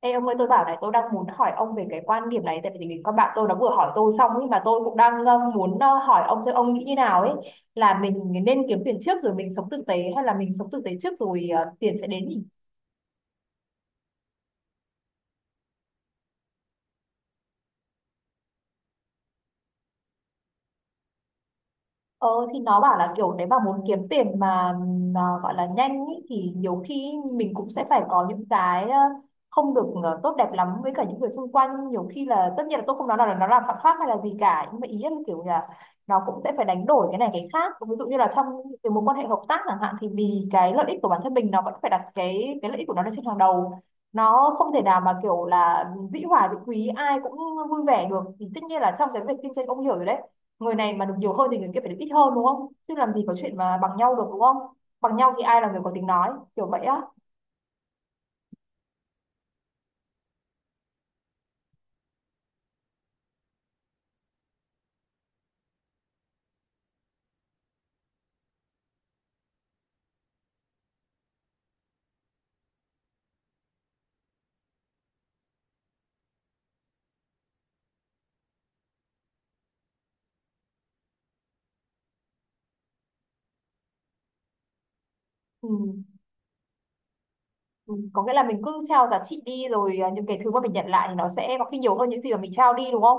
Ê ông ơi, tôi bảo này, tôi đang muốn hỏi ông về cái quan điểm này. Tại vì con bạn tôi nó vừa hỏi tôi xong nhưng mà tôi cũng đang muốn hỏi ông xem ông nghĩ như nào ấy. Là mình nên kiếm tiền trước rồi mình sống tử tế, hay là mình sống tử tế trước rồi tiền sẽ đến nhỉ? Ờ thì nó bảo là kiểu nếu mà muốn kiếm tiền mà gọi là nhanh ý, thì nhiều khi mình cũng sẽ phải có những cái không được tốt đẹp lắm với cả những người xung quanh. Nhiều khi là tất nhiên là tôi không nói là nó làm phạm pháp hay là gì cả, nhưng mà ý là kiểu là nó cũng sẽ phải đánh đổi cái này cái khác, ví dụ như là trong cái mối quan hệ hợp tác chẳng hạn, thì vì cái lợi ích của bản thân mình, nó vẫn phải đặt cái lợi ích của nó lên trên hàng đầu. Nó không thể nào mà kiểu là dĩ hòa vi quý ai cũng vui vẻ được. Thì tất nhiên là trong cái việc kinh doanh, ông hiểu rồi đấy, người này mà được nhiều hơn thì người kia phải được ít hơn đúng không? Chứ làm gì có chuyện mà bằng nhau được, đúng không? Bằng nhau thì ai là người có tiếng nói, kiểu vậy á. Ừ. Ừ, có nghĩa là mình cứ trao giá trị đi, rồi à, những cái thứ mà mình nhận lại thì nó sẽ có khi nhiều hơn những gì mà mình trao đi, đúng không?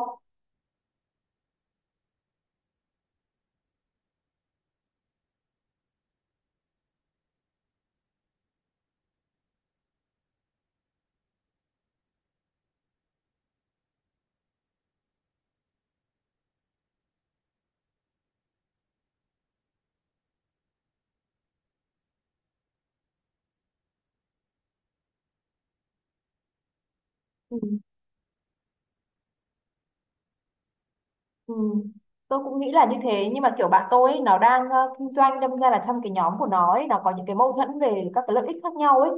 Ừ. Ừ. Tôi cũng nghĩ là như thế, nhưng mà kiểu bạn tôi ấy, nó đang kinh doanh, đâm ra là trong cái nhóm của nó ấy, nó có những cái mâu thuẫn về các cái lợi ích khác nhau ấy,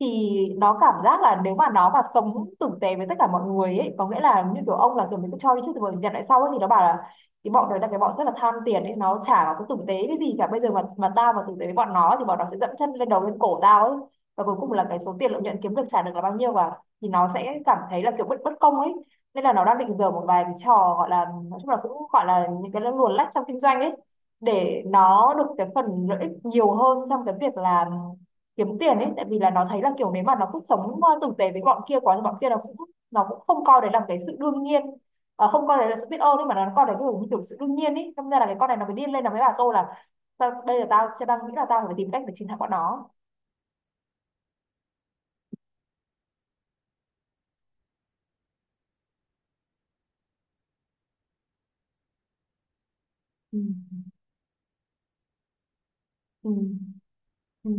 thì nó cảm giác là nếu mà nó mà sống tử tế với tất cả mọi người ấy, có nghĩa là như kiểu ông, là kiểu mình cứ cho đi trước rồi nhận lại sau ấy, thì nó bảo là cái bọn đấy là cái bọn rất là tham tiền ấy, nó chả nó có tử tế cái gì cả. Bây giờ mà tao mà tử tế với bọn nó thì bọn nó sẽ dẫm chân lên đầu lên cổ tao ấy. Và cuối cùng là cái số tiền lợi nhuận kiếm được, trả được là bao nhiêu, và thì nó sẽ cảm thấy là kiểu bất bất công ấy. Nên là nó đang định dở một vài cái trò, gọi là, nói chung là cũng gọi là những cái luồn lách trong kinh doanh ấy, để nó được cái phần lợi ích nhiều hơn trong cái việc là kiếm tiền ấy. Tại vì là nó thấy là kiểu nếu mà nó cứ sống tử tế với bọn kia quá thì bọn kia nó cũng không coi đấy là cái sự đương nhiên. Không coi đấy là sự biết ơn ấy, mà nó coi đấy kiểu như kiểu sự đương nhiên ấy. Thế nên là cái con này nó mới điên lên, nó mới bảo tôi là: Đây là tao chưa đang nghĩ là tao phải tìm cách để chiến thắng bọn nó." Ừ. Ừ. Ừ.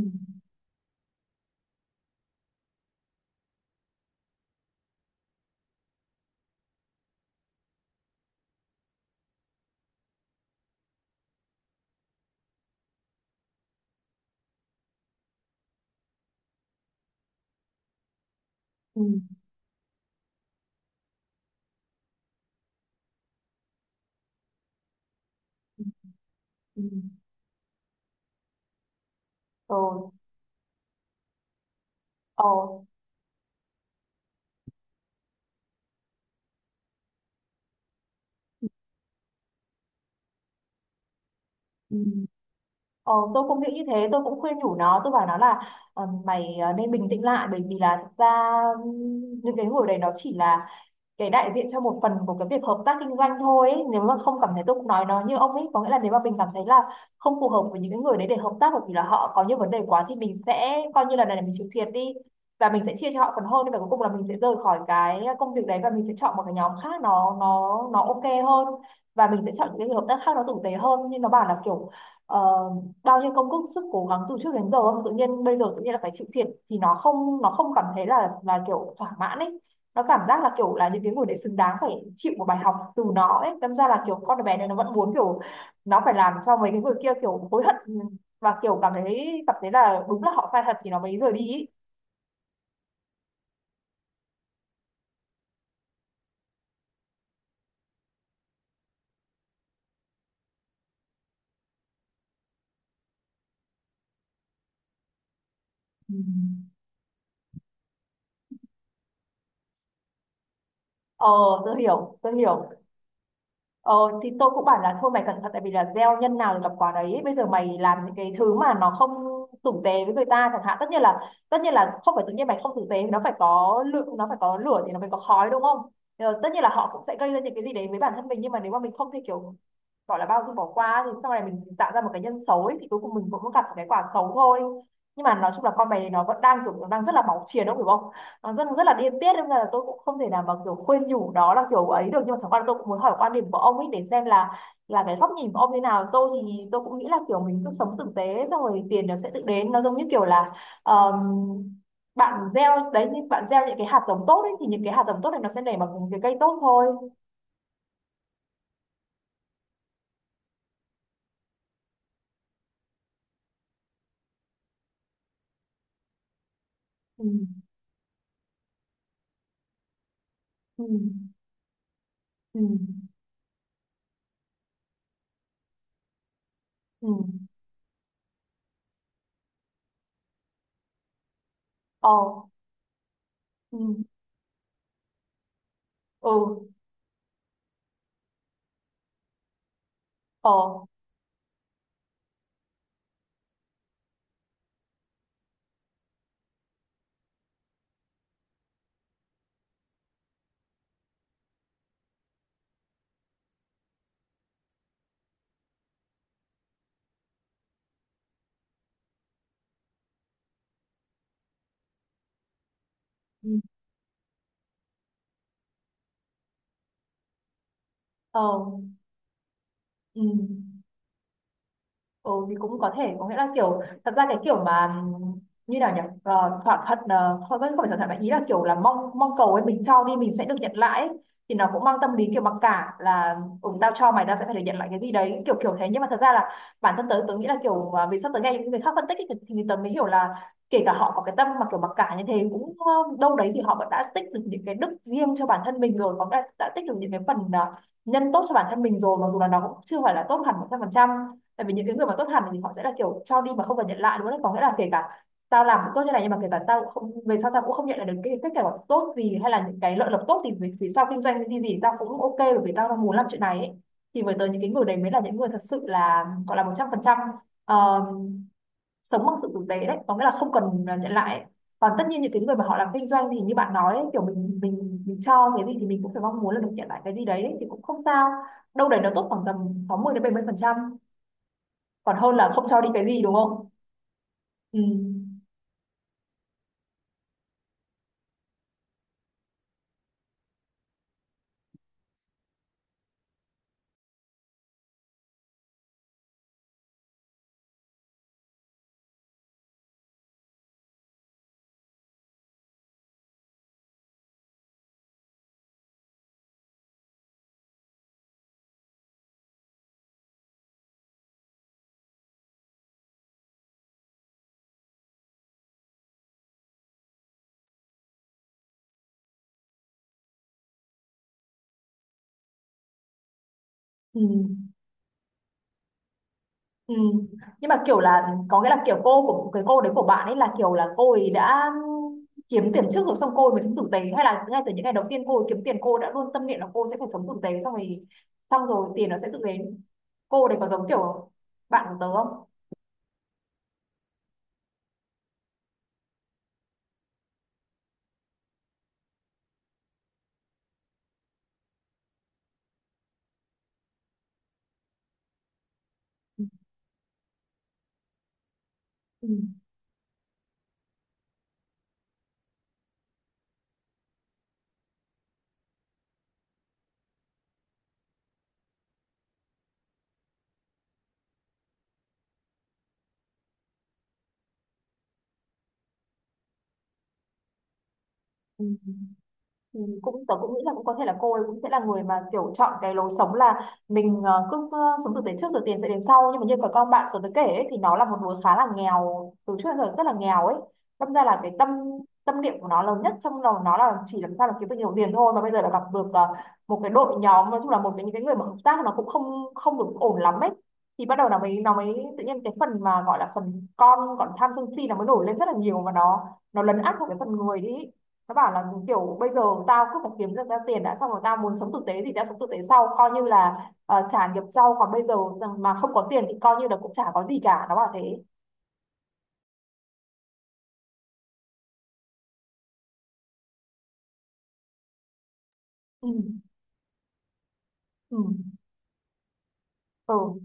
Ừ. Ừ. Ừ. Ừ. Ừ. Ờ, tôi cũng nghĩ như thế. Tôi cũng khuyên nhủ nó, tôi bảo nó là mày nên bình tĩnh lại, bởi vì là thực ra những cái hồi đấy nó chỉ là để đại diện cho một phần của cái việc hợp tác kinh doanh thôi ấy. Nếu mà không cảm thấy, tôi cũng nói nó như ông ấy, có nghĩa là nếu mà mình cảm thấy là không phù hợp với những cái người đấy để hợp tác, bởi vì là họ có những vấn đề quá, thì mình sẽ coi như là này là mình chịu thiệt đi, và mình sẽ chia cho họ phần hơn, và cuối cùng là mình sẽ rời khỏi cái công việc đấy, và mình sẽ chọn một cái nhóm khác nó ok hơn, và mình sẽ chọn những cái hợp tác khác nó tử tế hơn. Nhưng nó bảo là kiểu ờ, bao nhiêu công sức sức cố gắng từ trước đến giờ, tự nhiên bây giờ tự nhiên là phải chịu thiệt, thì nó không cảm thấy là kiểu thỏa mãn ấy. Nó cảm giác là kiểu là những cái người đấy xứng đáng phải chịu một bài học từ nó ấy, đâm ra là kiểu con bé này nó vẫn muốn kiểu nó phải làm cho mấy cái người kia kiểu hối hận, và kiểu cảm thấy là đúng là họ sai thật thì nó mới rời đi ý. Ừ. Ờ, tôi hiểu, tôi hiểu. Ờ thì tôi cũng bảo là thôi mày cẩn thận, tại vì là gieo nhân nào thì gặp quả đấy. Bây giờ mày làm những cái thứ mà nó không tử tế với người ta chẳng hạn, tất nhiên là không phải tự nhiên mày không tử tế, nó phải có lượng, nó phải có lửa thì nó mới có khói, đúng không? Ờ, tất nhiên là họ cũng sẽ gây ra những cái gì đấy với bản thân mình, nhưng mà nếu mà mình không thể kiểu gọi là bao dung bỏ qua, thì sau này mình tạo ra một cái nhân xấu ấy, thì cuối cùng mình cũng gặp một cái quả xấu thôi. Nhưng mà nói chung là con mày nó vẫn đang kiểu nó đang rất là máu chiến, đúng không? Nó rất rất là điên tiết, nên là tôi cũng không thể nào mà kiểu khuyên nhủ đó là kiểu ấy được. Nhưng mà chẳng qua là tôi cũng muốn hỏi quan điểm của ông ấy để xem là cái góc nhìn của ông như nào. Tôi thì tôi cũng nghĩ là kiểu mình cứ sống tử tế xong rồi tiền nó sẽ tự đến. Nó giống như kiểu là ờm, bạn gieo đấy, như bạn gieo những cái hạt giống tốt ấy, thì những cái hạt giống tốt này nó sẽ nảy bằng những cái cây tốt thôi. Ừ. Ừ. Ừ. Ừ. Ờ. Ừ. Ừ. Ờ. Ừ. Ờ. Ừ. Ừ thì cũng có thể có nghĩa là kiểu thật ra cái kiểu mà như nào nhỉ? Ờ, thỏa thuận, không vẫn không phải thỏa thuận, mà ý là kiểu là mong mong cầu ấy, mình cho đi mình sẽ được nhận lại ấy. Thì nó cũng mang tâm lý kiểu mặc cả là ừ, tao cho mày tao sẽ phải được nhận lại cái gì đấy, kiểu kiểu thế. Nhưng mà thật ra là bản thân tớ tớ nghĩ là kiểu à, vì sắp tới nghe những người khác phân tích ấy, thì tớ mới hiểu là kể cả họ có cái tâm mà kiểu mặc cả như thế cũng đâu đấy, thì họ vẫn đã tích được những cái đức riêng cho bản thân mình rồi, có đã tích được những cái phần nhân tốt cho bản thân mình rồi, mặc dù là nó cũng chưa phải là tốt hẳn 100%. Tại vì những cái người mà tốt hẳn thì họ sẽ là kiểu cho đi mà không cần nhận lại, đúng không? Có nghĩa là kể cả tao làm cũng tốt như này, nhưng mà kể cả tao không, về sau tao cũng không nhận lại được cái kết quả tốt gì hay là những cái lợi lộc tốt gì, vì vì sao kinh doanh cái gì gì tao cũng ok bởi vì tao muốn làm chuyện này ấy. Thì với tới những cái người đấy mới là những người thật sự là, gọi là, 100% sống bằng sự tử tế đấy, có nghĩa là không cần nhận lại ấy. Còn tất nhiên những cái người mà họ làm kinh doanh thì như bạn nói ấy, kiểu mình cho cái gì thì mình cũng phải mong muốn là được nhận lại cái gì đấy ấy, thì cũng không sao. Đâu đấy nó tốt khoảng tầm 60% đến 70%, còn hơn là không cho đi cái gì, đúng không? Ừ. Ừ. Ừ. Nhưng mà kiểu là có nghĩa là kiểu cô của cái cô đấy của bạn ấy là kiểu là cô ấy đã kiếm tiền trước rồi xong cô ấy mới sống tử tế, hay là ngay từ những ngày đầu tiên cô ấy kiếm tiền cô đã luôn tâm niệm là cô sẽ phải sống tử tế xong rồi, xong rồi tiền nó sẽ tự đến, cô đấy có giống kiểu bạn của tớ không? Ừ. Ừ. Ừ. Ừ, tớ cũng nghĩ là cũng có thể là cô ấy cũng sẽ là người mà kiểu chọn cái lối sống là mình cứ sống tử tế trước rồi tiền sẽ đến sau, nhưng mà như cái con bạn tớ tớ kể ấy, thì nó là một đứa khá là nghèo, từ trước đến giờ rất là nghèo ấy. Đâm ra là cái tâm tâm niệm của nó lớn nhất trong đầu nó là chỉ làm sao là kiếm được nhiều tiền thôi, mà bây giờ là gặp được một cái đội nhóm, nói chung là một cái những cái người mà hợp tác nó cũng không không được ổn lắm ấy. Thì bắt đầu nó mới tự nhiên cái phần mà gọi là phần con còn tham sân si nó mới nổi lên rất là nhiều, và nó lấn át vào cái phần người đi. Nó bảo là kiểu bây giờ tao cứ phải kiếm được ra tiền đã, xong rồi tao muốn sống tử tế thì tao sống tử tế sau, coi như là trả nghiệp sau, còn bây giờ mà không có tiền thì coi như là cũng chả có gì cả, nó bảo thế. Ừ. Ừ. Ừ.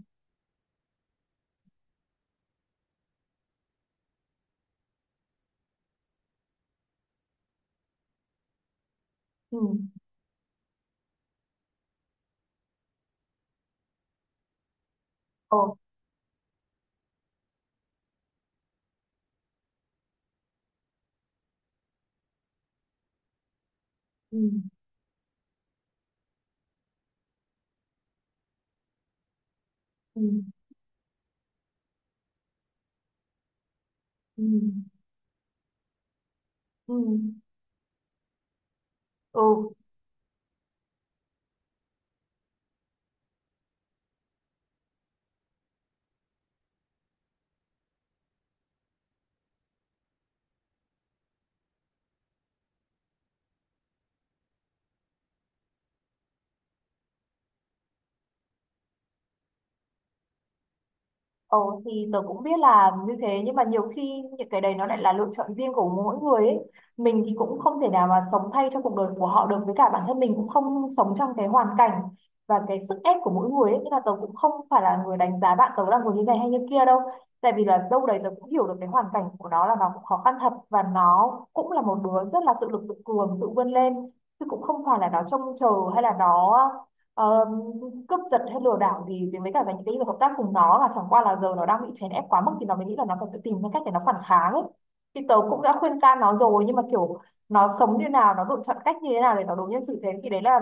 Ừ. Ừ. Ừ. Ừ. Ừ. Ừ, ừ. Ừ. Ồ, thì tớ cũng biết là như thế, nhưng mà nhiều khi những cái đấy nó lại là lựa chọn riêng của mỗi người ấy. Mình thì cũng không thể nào mà sống thay cho cuộc đời của họ được, với cả bản thân mình cũng không sống trong cái hoàn cảnh và cái sức ép của mỗi người ấy. Nên là tớ cũng không phải là người đánh giá bạn tớ là người như này hay như kia đâu. Tại vì là đâu đấy tớ cũng hiểu được cái hoàn cảnh của nó, là nó cũng khó khăn thật, và nó cũng là một đứa rất là tự lực tự cường, tự vươn lên. Chứ cũng không phải là nó trông chờ hay là Ờ, cướp giật hay lừa đảo gì. Thì với cả về những cái việc hợp tác cùng nó là chẳng qua là giờ nó đang bị chèn ép quá mức, thì nó mới nghĩ là nó cần phải tự tìm ra cách để nó phản kháng ấy. Thì tớ cũng đã khuyên can nó rồi, nhưng mà kiểu nó sống như nào, nó lựa chọn cách như thế nào để nó đối nhân xử thế thì đấy là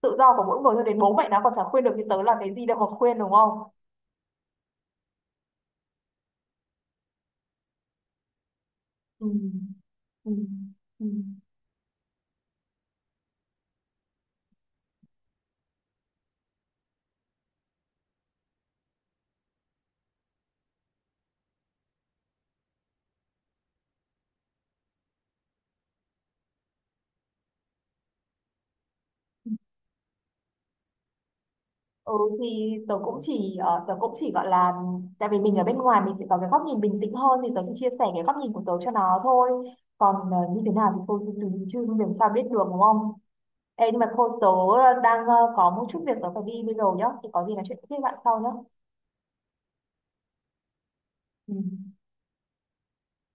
tự do của mỗi người. Cho đến bố mẹ nó còn chả khuyên được thì tớ là cái gì đâu mà khuyên, đúng không? Ừ. Ừ. Ừ. Ừ thì tớ cũng chỉ tớ cũng chỉ gọi là, tại vì mình ở bên ngoài mình sẽ có cái góc nhìn bình tĩnh hơn, thì tớ chỉ chia sẻ cái góc nhìn của tớ cho nó thôi. Còn như thế nào thì thôi thì tùy, chứ làm sao biết được, đúng không? Ê, nhưng mà thôi, tớ đang có một chút việc tớ phải đi bây giờ nhá, thì có gì nói chuyện tiếp với bạn sau nhá. Ừ.